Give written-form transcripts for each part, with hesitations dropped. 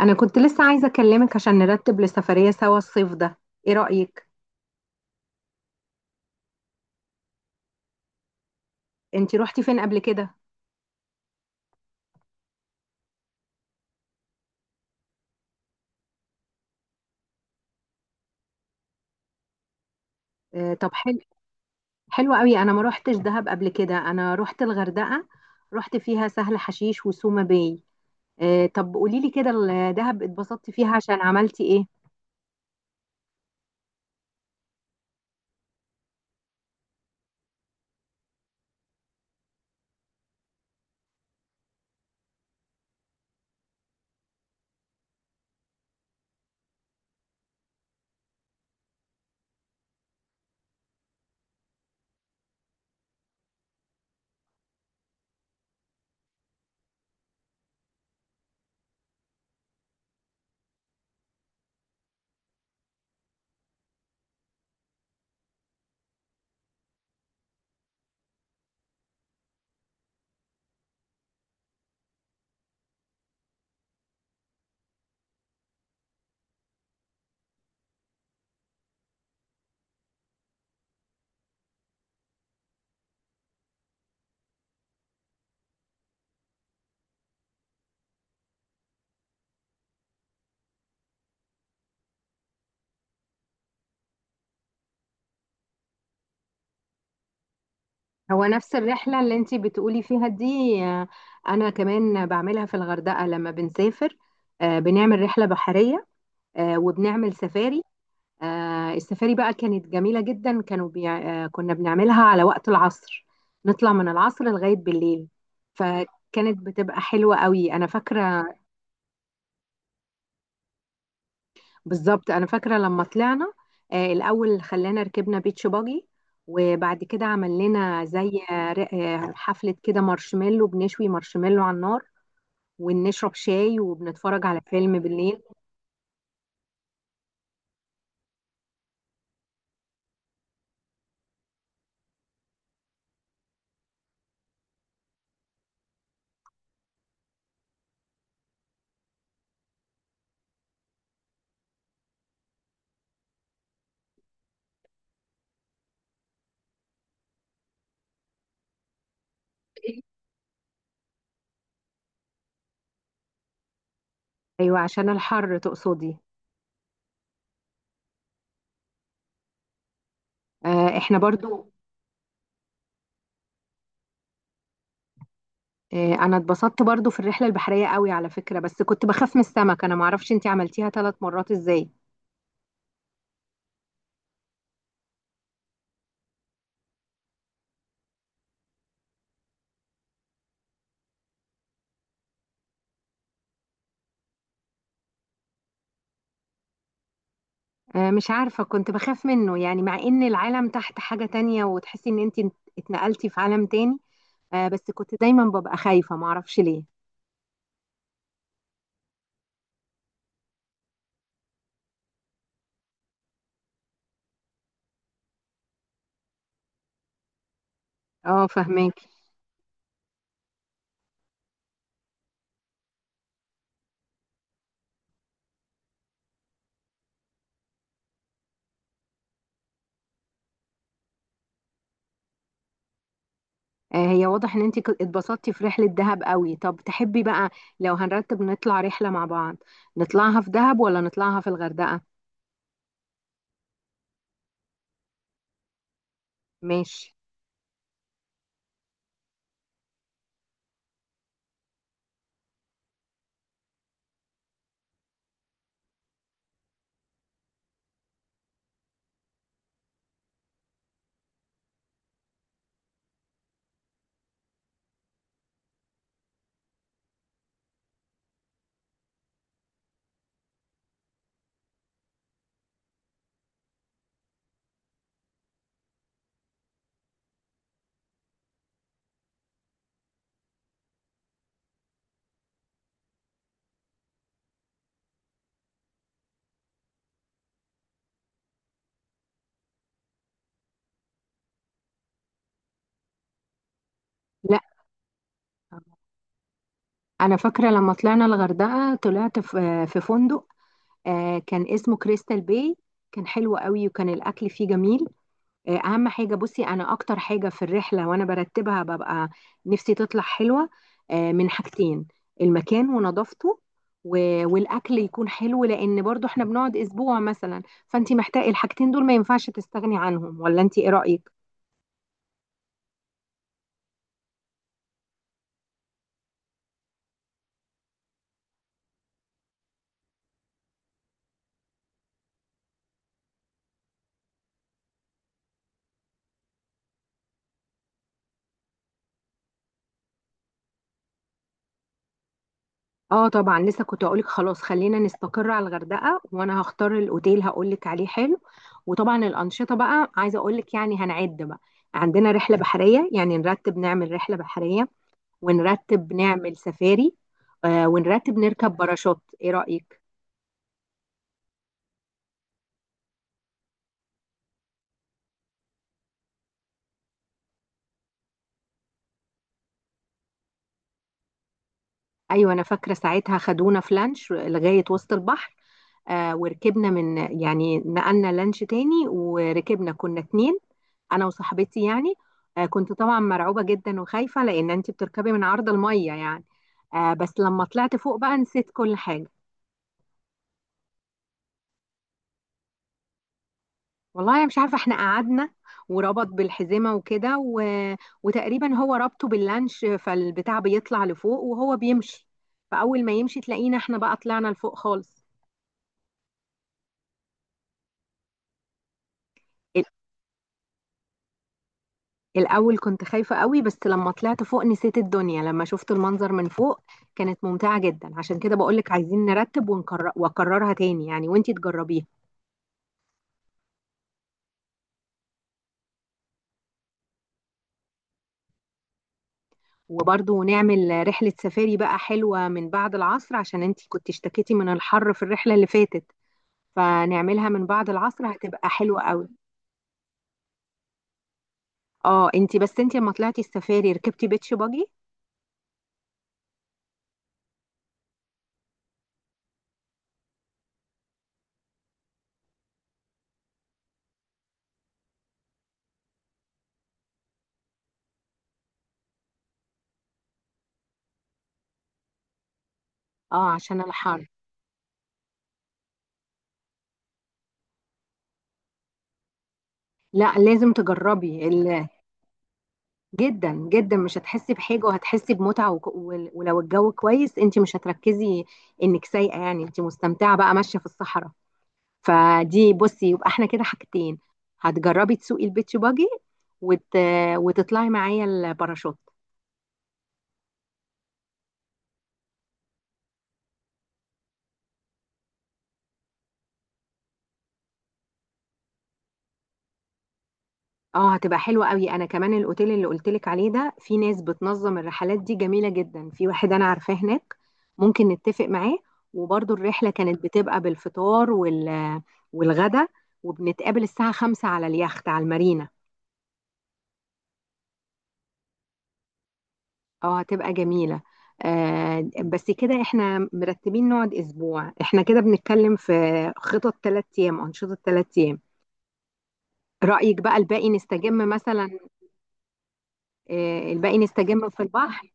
انا كنت لسه عايزه اكلمك عشان نرتب لسفريه سوا الصيف ده. ايه رايك؟ انتي روحتي فين قبل كده؟ آه طب حلو. حلو قوي، انا ما روحتش دهب قبل كده، انا روحت الغردقه. روحت فيها سهل حشيش وسوما باي. آه طب قولي لي كده، الدهب اتبسطتي فيها عشان عملتي ايه؟ هو نفس الرحله اللي انتي بتقولي فيها دي؟ آه. انا كمان بعملها في الغردقه لما بنسافر. آه بنعمل رحله بحريه. آه وبنعمل سفاري. السفاري بقى كانت جميلة جدا، كانوا بيع... آه، كنا بنعملها على وقت العصر. نطلع من العصر لغاية بالليل. فكانت بتبقى حلوة قوي، أنا فاكرة. بالظبط أنا فاكرة لما طلعنا. الأول خلانا ركبنا بيتش باجي. وبعد كده عمل لنا زي حفلة كده، مارشميلو، بنشوي مارشميلو على النار ونشرب شاي وبنتفرج على فيلم بالليل. أيوة عشان الحر تقصدي؟ احنا برضو. انا اتبسطت برضو في الرحله البحريه قوي على فكره، بس كنت بخاف من السمك، انا معرفش انتي عملتيها 3 مرات ازاي. مش عارفه، كنت بخاف منه يعني، مع ان العالم تحت حاجه تانية وتحسي ان انتي اتنقلتي في عالم تاني. بس كنت دايما ببقى خايفه معرفش ليه. اه فهماكي. هي واضح ان انتي اتبسطتي في رحله دهب قوي. طب تحبي بقى لو هنرتب نطلع رحله مع بعض، نطلعها في دهب ولا نطلعها في الغردقه؟ ماشي. لا، انا فاكره لما طلعنا الغردقه طلعت في فندق. آه كان اسمه كريستال باي. كان حلو قوي وكان الاكل فيه جميل. آه اهم حاجه بصي، انا اكتر حاجه في الرحله وانا برتبها ببقى نفسي تطلع حلوه، آه من حاجتين: المكان ونظافته والاكل يكون حلو، لان برضو احنا بنقعد اسبوع مثلا، فانت محتاجه الحاجتين دول، ما ينفعش تستغني عنهم. ولا انت ايه رايك؟ اه طبعا، لسه كنت اقولك خلاص خلينا نستقر على الغردقه. وانا هختار الاوتيل، هقولك عليه حلو. وطبعا الانشطه بقى عايزه اقولك، يعني هنعد بقى: عندنا رحله بحريه، يعني نرتب نعمل رحله بحريه، ونرتب نعمل سفاري. آه ونرتب نركب باراشوت، ايه رايك؟ ايوه انا فاكره ساعتها خدونا في لانش لغايه وسط البحر. آه وركبنا من، يعني نقلنا لانش تاني، وركبنا كنا اتنين، انا وصاحبتي يعني. آه كنت طبعا مرعوبة جدا وخايفة، لان انت بتركبي من عرض المية يعني. آه بس لما طلعت فوق بقى نسيت كل حاجة. والله انا مش عارفة، احنا قعدنا وربط بالحزمة وكده وتقريبا هو ربطه باللانش، فالبتاع بيطلع لفوق وهو بيمشي، فاول ما يمشي تلاقينا احنا بقى طلعنا لفوق خالص. الأول كنت خايفة قوي، بس لما طلعت فوق نسيت الدنيا لما شفت المنظر من فوق. كانت ممتعة جدا، عشان كده بقولك عايزين نرتب ونكرر وأكررها تاني يعني، وانتي تجربيها. وبرضه نعمل رحلة سفاري بقى حلوة من بعد العصر، عشان انتي كنت اشتكيتي من الحر في الرحلة اللي فاتت، فنعملها من بعد العصر هتبقى حلوة قوي. اه انتي بس انتي لما طلعتي السفاري ركبتي بيتش باجي. اه عشان الحر. لا لازم تجربي. جدا جدا مش هتحسي بحاجه، وهتحسي بمتعه، ولو الجو كويس انت مش هتركزي انك سايقه، يعني انت مستمتعه بقى ماشيه في الصحراء. فدي بصي، يبقى احنا كده حاجتين: هتجربي تسوقي البيتش باجي، وت... وتطلعي معايا الباراشوت. اه هتبقى حلوة قوي. انا كمان الاوتيل اللي قلتلك عليه ده في ناس بتنظم الرحلات دي جميلة جدا، في واحد انا عارفاه هناك ممكن نتفق معاه. وبرضو الرحلة كانت بتبقى بالفطار والغدا، وبنتقابل الساعة 5 على اليخت على المارينا. اه هتبقى جميلة. آه بس كده احنا مرتبين نقعد اسبوع، احنا كده بنتكلم في خطط ثلاث ايام، انشطة ثلاث ايام. رأيك بقى الباقي نستجم مثلا؟ آه الباقي نستجم في البحر.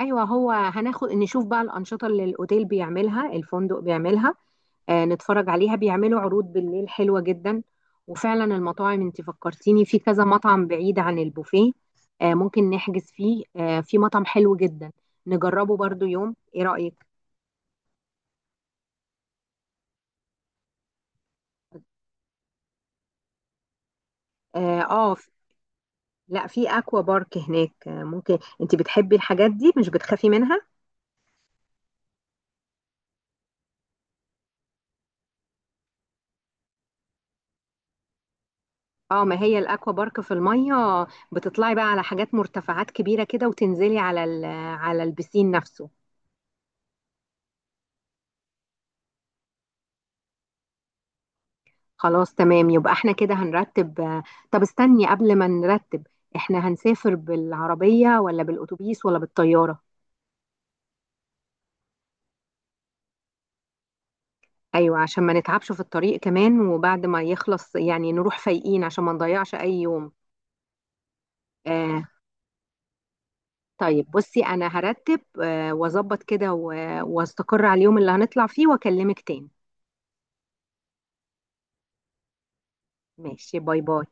ايوه، هو هناخد نشوف بقى الانشطه اللي الاوتيل بيعملها، الفندق بيعملها. آه نتفرج عليها، بيعملوا عروض بالليل حلوه جدا. وفعلا المطاعم انت فكرتيني في كذا مطعم بعيد عن البوفيه. آه ممكن نحجز فيه، آه في مطعم حلو جدا نجربه برضو يوم، ايه رايك؟ اه, لا، في اكوا بارك هناك، آه ممكن، انت بتحبي الحاجات دي مش بتخافي منها؟ اه، ما هي الاكوا بارك في الميه، بتطلعي بقى على حاجات مرتفعات كبيره كده، وتنزلي على على البسين نفسه. خلاص تمام، يبقى احنا كده هنرتب. آه طب استني قبل ما نرتب، احنا هنسافر بالعربية ولا بالأتوبيس ولا بالطيارة؟ ايوه، عشان ما نتعبش في الطريق كمان، وبعد ما يخلص يعني نروح فايقين عشان ما نضيعش اي يوم. آه طيب بصي، انا هرتب آه واظبط كده واستقر على اليوم اللي هنطلع فيه واكلمك تاني. ماشي، باي باي.